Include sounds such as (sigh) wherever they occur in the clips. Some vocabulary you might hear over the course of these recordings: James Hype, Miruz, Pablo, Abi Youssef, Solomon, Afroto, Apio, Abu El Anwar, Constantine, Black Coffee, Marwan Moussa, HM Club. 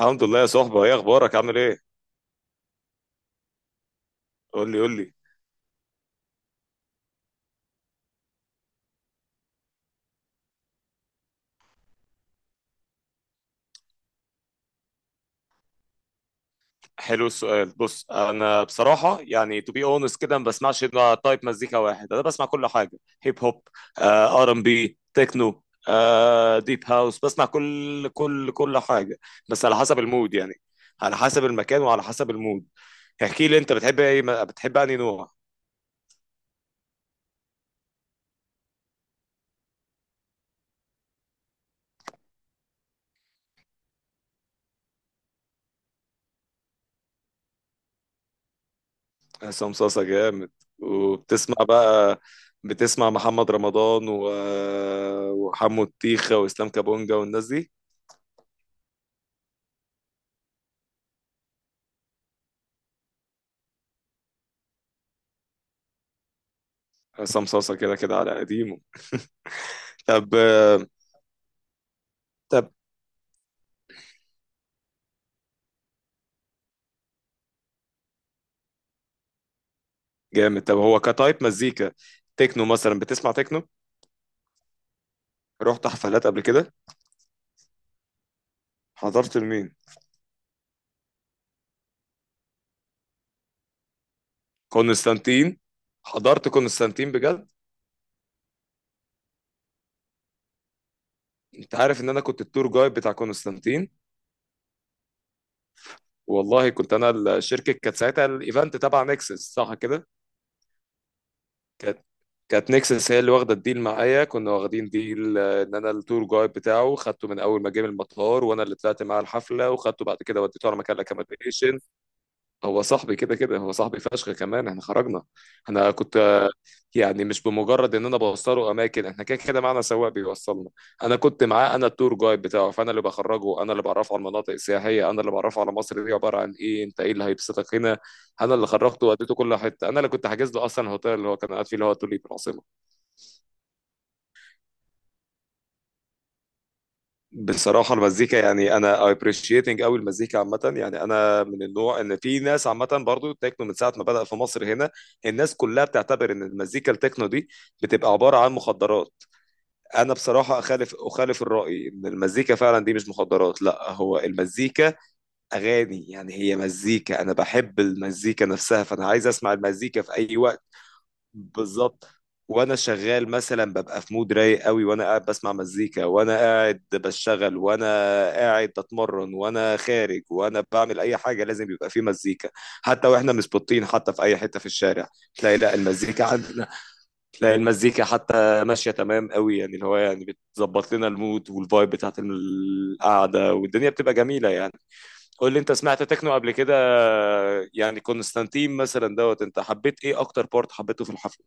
الحمد لله يا صاحبي، ايه اخبارك عامل ايه؟ قول لي قول لي. حلو السؤال. بص انا بصراحه يعني تو بي اونست كده ما بسمعش الا تايب مزيكا واحد، انا بسمع كل حاجه. هيب هوب، ار ام بي، تكنو، ديب هاوس، بسمع كل حاجه، بس على حسب المود يعني، على حسب المكان وعلى حسب المود. احكي لي انت بتحب ايه، بتحب انهي نوع؟ عصام صاصا جامد. وبتسمع بقى، بتسمع محمد رمضان و... وحمو الطيخه واسلام كابونجا والناس دي. عصام صاصة كده كده على قديمه. طب طب. جامد. طب هو كتايب مزيكا، تكنو مثلا، بتسمع تكنو؟ رحت حفلات قبل كده؟ حضرت لمين؟ كونستانتين؟ حضرت كونستانتين بجد؟ انت عارف ان انا كنت التور جايد بتاع كونستانتين؟ والله كنت انا. الشركه كانت ساعتها الايفنت تبع نكسس صح كده؟ كانت كانت نكسس هي اللي واخده الديل معايا. كنا واخدين ديل ان انا التور جايد بتاعه، خدته من اول ما جه من المطار، وانا اللي طلعت معاه الحفله، وخدته بعد كده وديته على مكان الاكومديشن. هو صاحبي كده كده. هو صاحبي فشخ، كمان احنا خرجنا. انا كنت يعني مش بمجرد ان انا بوصله اماكن، احنا كده كده معانا سواق بيوصلنا. انا كنت معاه، انا التور جايد بتاعه، فانا اللي بخرجه، انا اللي بعرفه على المناطق السياحيه، انا اللي بعرفه على مصر دي عباره عن ايه، انت ايه اللي هيبسطك هنا. انا اللي خرجته وديته كل حته، انا اللي كنت حاجز له اصلا الهوتيل اللي هو كان قاعد فيه، اللي هو توليب العاصمه. بصراحة المزيكا يعني أنا appreciating أوي المزيكا عامة، يعني أنا من النوع إن في ناس عامة برضو التكنو من ساعة ما بدأ في مصر هنا، الناس كلها بتعتبر إن المزيكا التكنو دي بتبقى عبارة عن مخدرات. أنا بصراحة أخالف أخالف الرأي، إن المزيكا فعلا دي مش مخدرات، لا هو المزيكا أغاني، يعني هي مزيكا، أنا بحب المزيكا نفسها، فأنا عايز أسمع المزيكا في أي وقت. بالظبط. وانا شغال مثلا ببقى في مود رايق قوي، وانا قاعد بسمع مزيكا، وانا قاعد بشتغل، وانا قاعد بتمرن، وانا خارج، وانا بعمل اي حاجه لازم يبقى في مزيكا. حتى واحنا مسبوطين، حتى في اي حته في الشارع تلاقي لا المزيكا عندنا، تلاقي المزيكا حتى ماشيه تمام قوي، يعني اللي هو يعني بتظبط لنا المود والفايب بتاعت القعده، والدنيا بتبقى جميله يعني. قول لي انت سمعت تكنو قبل كده؟ يعني كونستانتين مثلا دوت، انت حبيت ايه اكتر بارت حبيته في الحفله؟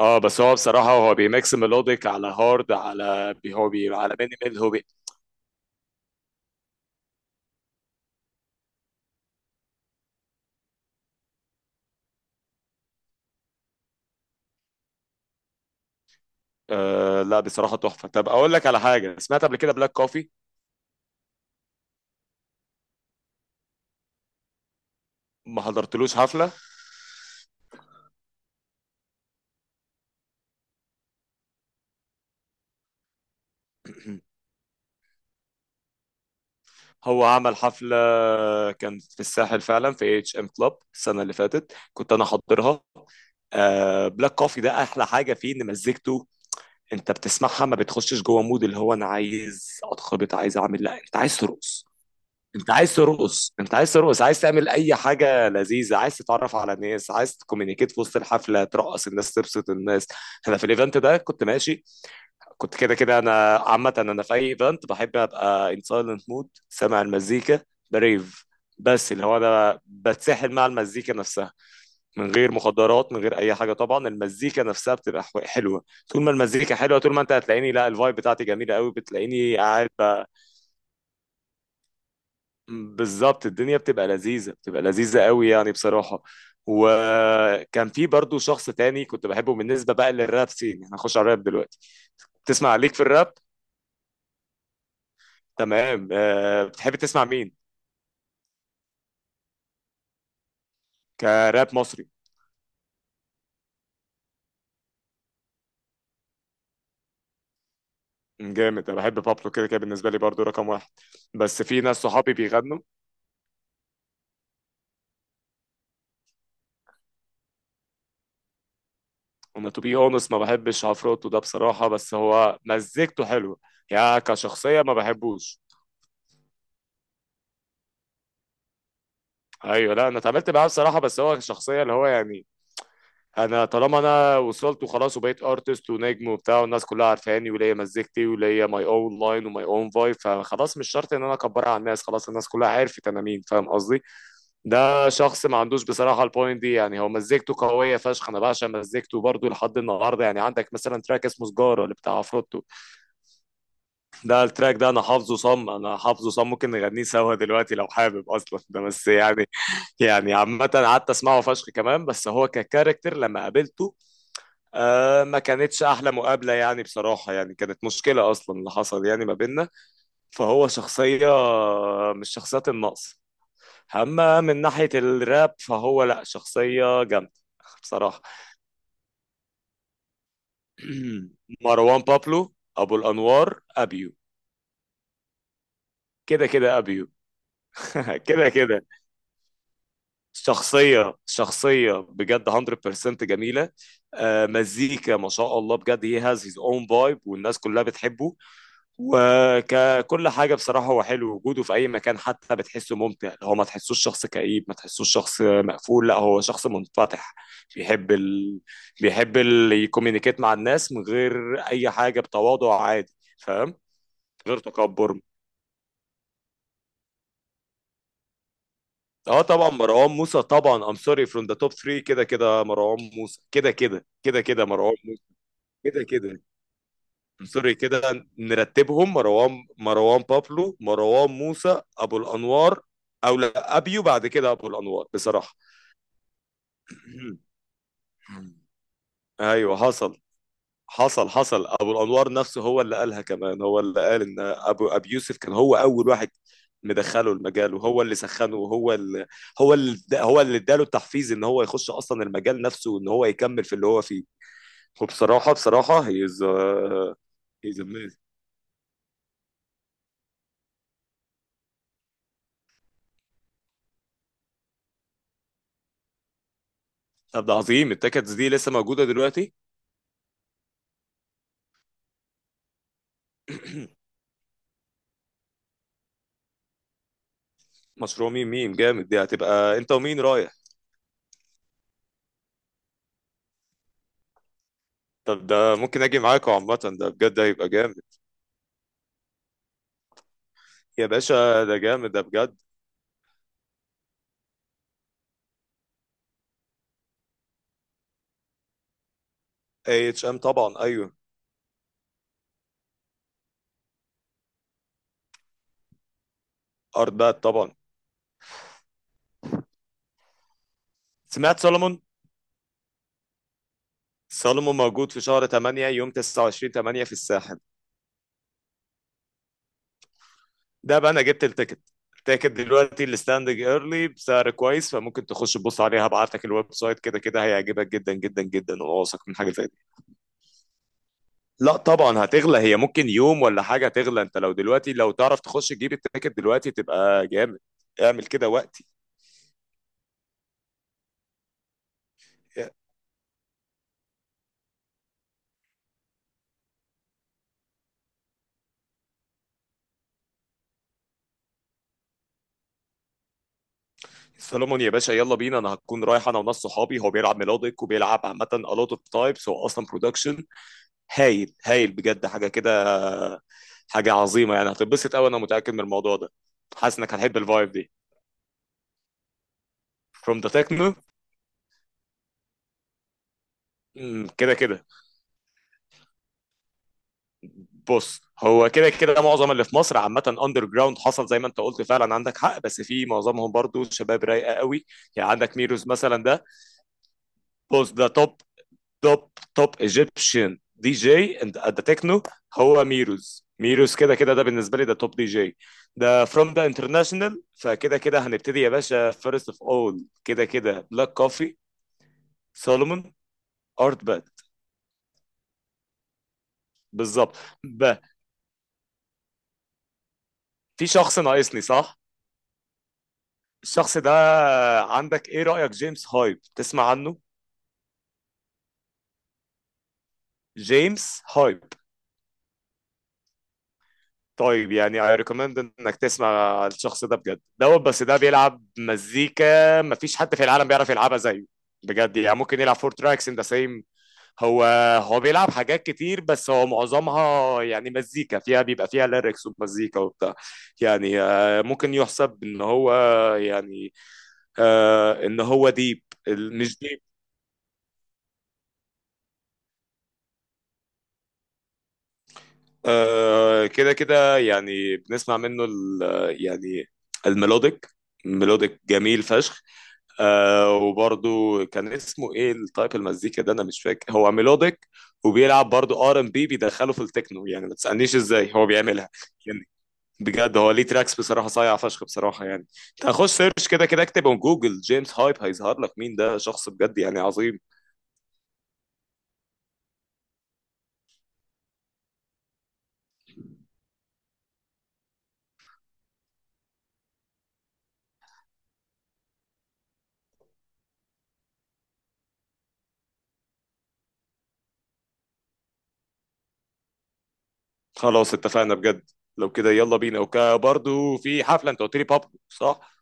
اه بس هو بصراحة هو بيميكس ميلوديك على هارد على بي هو بي على مينيمال هو بي. آه لا بصراحة تحفة. طب اقول لك على حاجة، سمعت قبل كده بلاك كوفي؟ ما حضرتلوش حفلة؟ (clears throat) هو عمل حفلة، كان في الساحل فعلا في اتش ام كلاب السنة اللي فاتت، كنت انا حاضرها. آه بلاك كوفي ده احلى حاجة فيه ان مزيكته انت بتسمعها ما بتخشش جوه مود اللي هو انا عايز اتخبط عايز اعمل، لا انت عايز ترقص، انت عايز ترقص، انت عايز ترقص، عايز تعمل اي حاجه لذيذه، عايز تتعرف على ناس، عايز تكومينيكيت في وسط الحفله، ترقص الناس، تبسط الناس. انا في الايفنت ده كنت ماشي، كنت كده كده انا عامه انا في اي ايفنت بحب ابقى ان سايلنت مود سامع المزيكا، بريف، بس اللي هو انا بتسحل مع المزيكا نفسها. من غير مخدرات من غير اي حاجه، طبعا المزيكا نفسها بتبقى حلوه. طول ما المزيكا حلوه، طول ما انت هتلاقيني لا الفايب بتاعتي جميله قوي بتلاقيني قاعد. بالظبط، الدنيا بتبقى لذيذة، بتبقى لذيذة قوي يعني بصراحة. وكان في برضو شخص تاني كنت بحبه بالنسبة بقى للراب سين، احنا هنخش على الراب دلوقتي. تسمع عليك في الراب؟ تمام. أه بتحب تسمع مين؟ كراب مصري؟ جامد، انا بحب بابلو كده كده، بالنسبة لي برضو رقم واحد. بس في ناس صحابي بيغنوا. انا تو بي اونست ما بحبش عفروتو ده بصراحة، بس هو مزيكته حلوة، يعني كشخصية ما بحبوش. ايوه، لا انا اتعاملت معاه بصراحة، بس هو شخصية اللي هو يعني، انا طالما انا وصلت وخلاص، وبقيت ارتست ونجم وبتاع، والناس كلها عارفاني وليا مزيكتي وليا ماي اون لاين وماي اون فايب، فخلاص مش شرط ان انا اكبرها على الناس، خلاص الناس كلها عرفت انا مين، فاهم قصدي؟ ده شخص ما عندوش بصراحه البوينت دي، يعني هو مزيكته قويه فشخ، انا بعشق مزيكته برضه لحد النهارده. يعني عندك مثلا تراك اسمه سجاره اللي بتاع عفروتو، ده التراك ده انا حافظه صم، انا حافظه صم، ممكن نغنيه سوا دلوقتي لو حابب اصلا ده، بس يعني يعني عامه قعدت اسمعه فشخ كمان، بس هو ككاركتر لما قابلته آه ما كانتش احلى مقابله يعني بصراحه، يعني كانت مشكله اصلا اللي حصل يعني ما بيننا، فهو شخصيه مش شخصيات النقص. اما من ناحيه الراب فهو لا شخصيه جامده بصراحه. (clears throat) مروان بابلو، ابو الانوار، ابيو. كده كده ابيو. (laughs) كده كده. شخصيه، شخصيه بجد 100% جميله. آه مزيكا ما شاء الله بجد he has his own vibe، والناس كلها بتحبه وككل حاجة بصراحة. هو حلو وجوده في أي مكان، حتى بتحسه ممتع، هو ما تحسوش شخص كئيب، ما تحسوش شخص مقفول، لا هو شخص منفتح. بيحب ال... يكومينيكيت مع الناس من غير أي حاجة بتواضع عادي، فاهم، غير تكبر. اه طبعا مروان موسى طبعا، ام سوري، فروم ذا توب 3 كده كده مروان موسى، كده كده كده كده مروان موسى كده كده. سوري، كده نرتبهم: مروان، مروان بابلو، مروان موسى، ابو الانوار، او لا ابيو بعد كده ابو الانوار بصراحه. (clears throat) ايوه حصل. حصل، ابو الانوار نفسه هو اللي قالها كمان، هو اللي قال ان ابو ابي يوسف كان هو اول واحد مدخله المجال، وهو اللي سخنه، وهو اللي اداله التحفيز ان هو يخش اصلا المجال نفسه، وان هو يكمل في اللي هو فيه. وبصراحه بصراحه هيز اميزنج. طب ده عظيم، التيكتس دي لسه موجوده دلوقتي؟ (clears throat) مشروع ميم ميم جامد، دي هتبقى انت ومين رايح؟ طب ده ممكن اجي معاكم عامة، ده بجد هيبقى جامد. يا باشا ده جامد ده بجد. اي اتش ام طبعا، ايوه. ارت باد طبعا. سمعت سولomon؟ سولومون موجود في شهر 8 يوم 29 8 في الساحل. ده بقى انا جبت التيكت. التيكت دلوقتي الستاندنج ايرلي بسعر كويس، فممكن تخش تبص عليها، هبعت لك الويب سايت، كده كده هيعجبك جدا جدا جدا، واثق من حاجة زي. لا طبعا هتغلى، هي ممكن يوم ولا حاجة تغلى، انت لو دلوقتي لو تعرف تخش تجيب التيكت دلوقتي تبقى جامد. اعمل كده وقتي. سولومون يا باشا يلا بينا، انا هكون رايح انا وناس صحابي، هو بيلعب ميلوديك وبيلعب عامة a lot of types، هو اصلا برودكشن هايل، هايل بجد حاجة كده، حاجة عظيمة يعني هتتبسط قوي، انا متأكد من الموضوع ده. حاسس انك هتحب الفايب دي from the techno. كده كده. بص هو كده كده معظم اللي في مصر عامة اندر جراوند، حصل زي ما انت قلت فعلا عندك حق، بس في معظمهم برضو شباب رايقة قوي. يعني عندك ميروز مثلا ده، بص ده توب، توب، توب ايجيبشن دي جي اند ذا تكنو. هو ميروز، ميروز كده كده ده بالنسبة لي ده توب دي جي. ده فروم ذا انترناشونال، فكده كده هنبتدي يا باشا: فيرست اوف اول كده كده بلاك كوفي، سولومون، ارت باد. بالظبط. ب في شخص ناقصني صح؟ الشخص ده، عندك ايه رأيك جيمس هايب، تسمع عنه؟ جيمس هايب. طيب يعني I recommend انك تسمع الشخص ده بجد دوت، بس ده بيلعب مزيكا مفيش حد في العالم بيعرف يلعبها زيه بجد، يعني ممكن يلعب فور تراكس ان ذا سيم. هو هو بيلعب حاجات كتير، بس هو معظمها يعني مزيكا فيها بيبقى فيها ليركس ومزيكا وبتاع، يعني ممكن يحسب ان هو، يعني ان هو ديب. مش كده كده، يعني بنسمع منه ال، يعني الميلوديك، ميلوديك جميل فشخ. آه وبرضو كان اسمه ايه التايب المزيكا ده، انا مش فاكر، هو ميلوديك وبيلعب برضو ار ام بي بيدخله في التكنو، يعني ما تسألنيش ازاي هو بيعملها، يعني بجد هو ليه تراكس بصراحة صايع فشخ بصراحة يعني. انت هخش سيرش كده كده اكتبه جوجل جيمس هايب، هيظهر لك مين ده، شخص بجد يعني عظيم. خلاص اتفقنا بجد، لو كده يلا بينا، وبرضو في حفلة انت قلت لي بابلو صح؟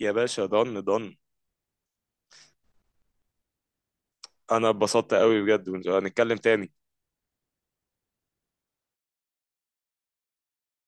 يا باشا ضن ضن. انا اتبسطت قوي بجد، هنتكلم تاني.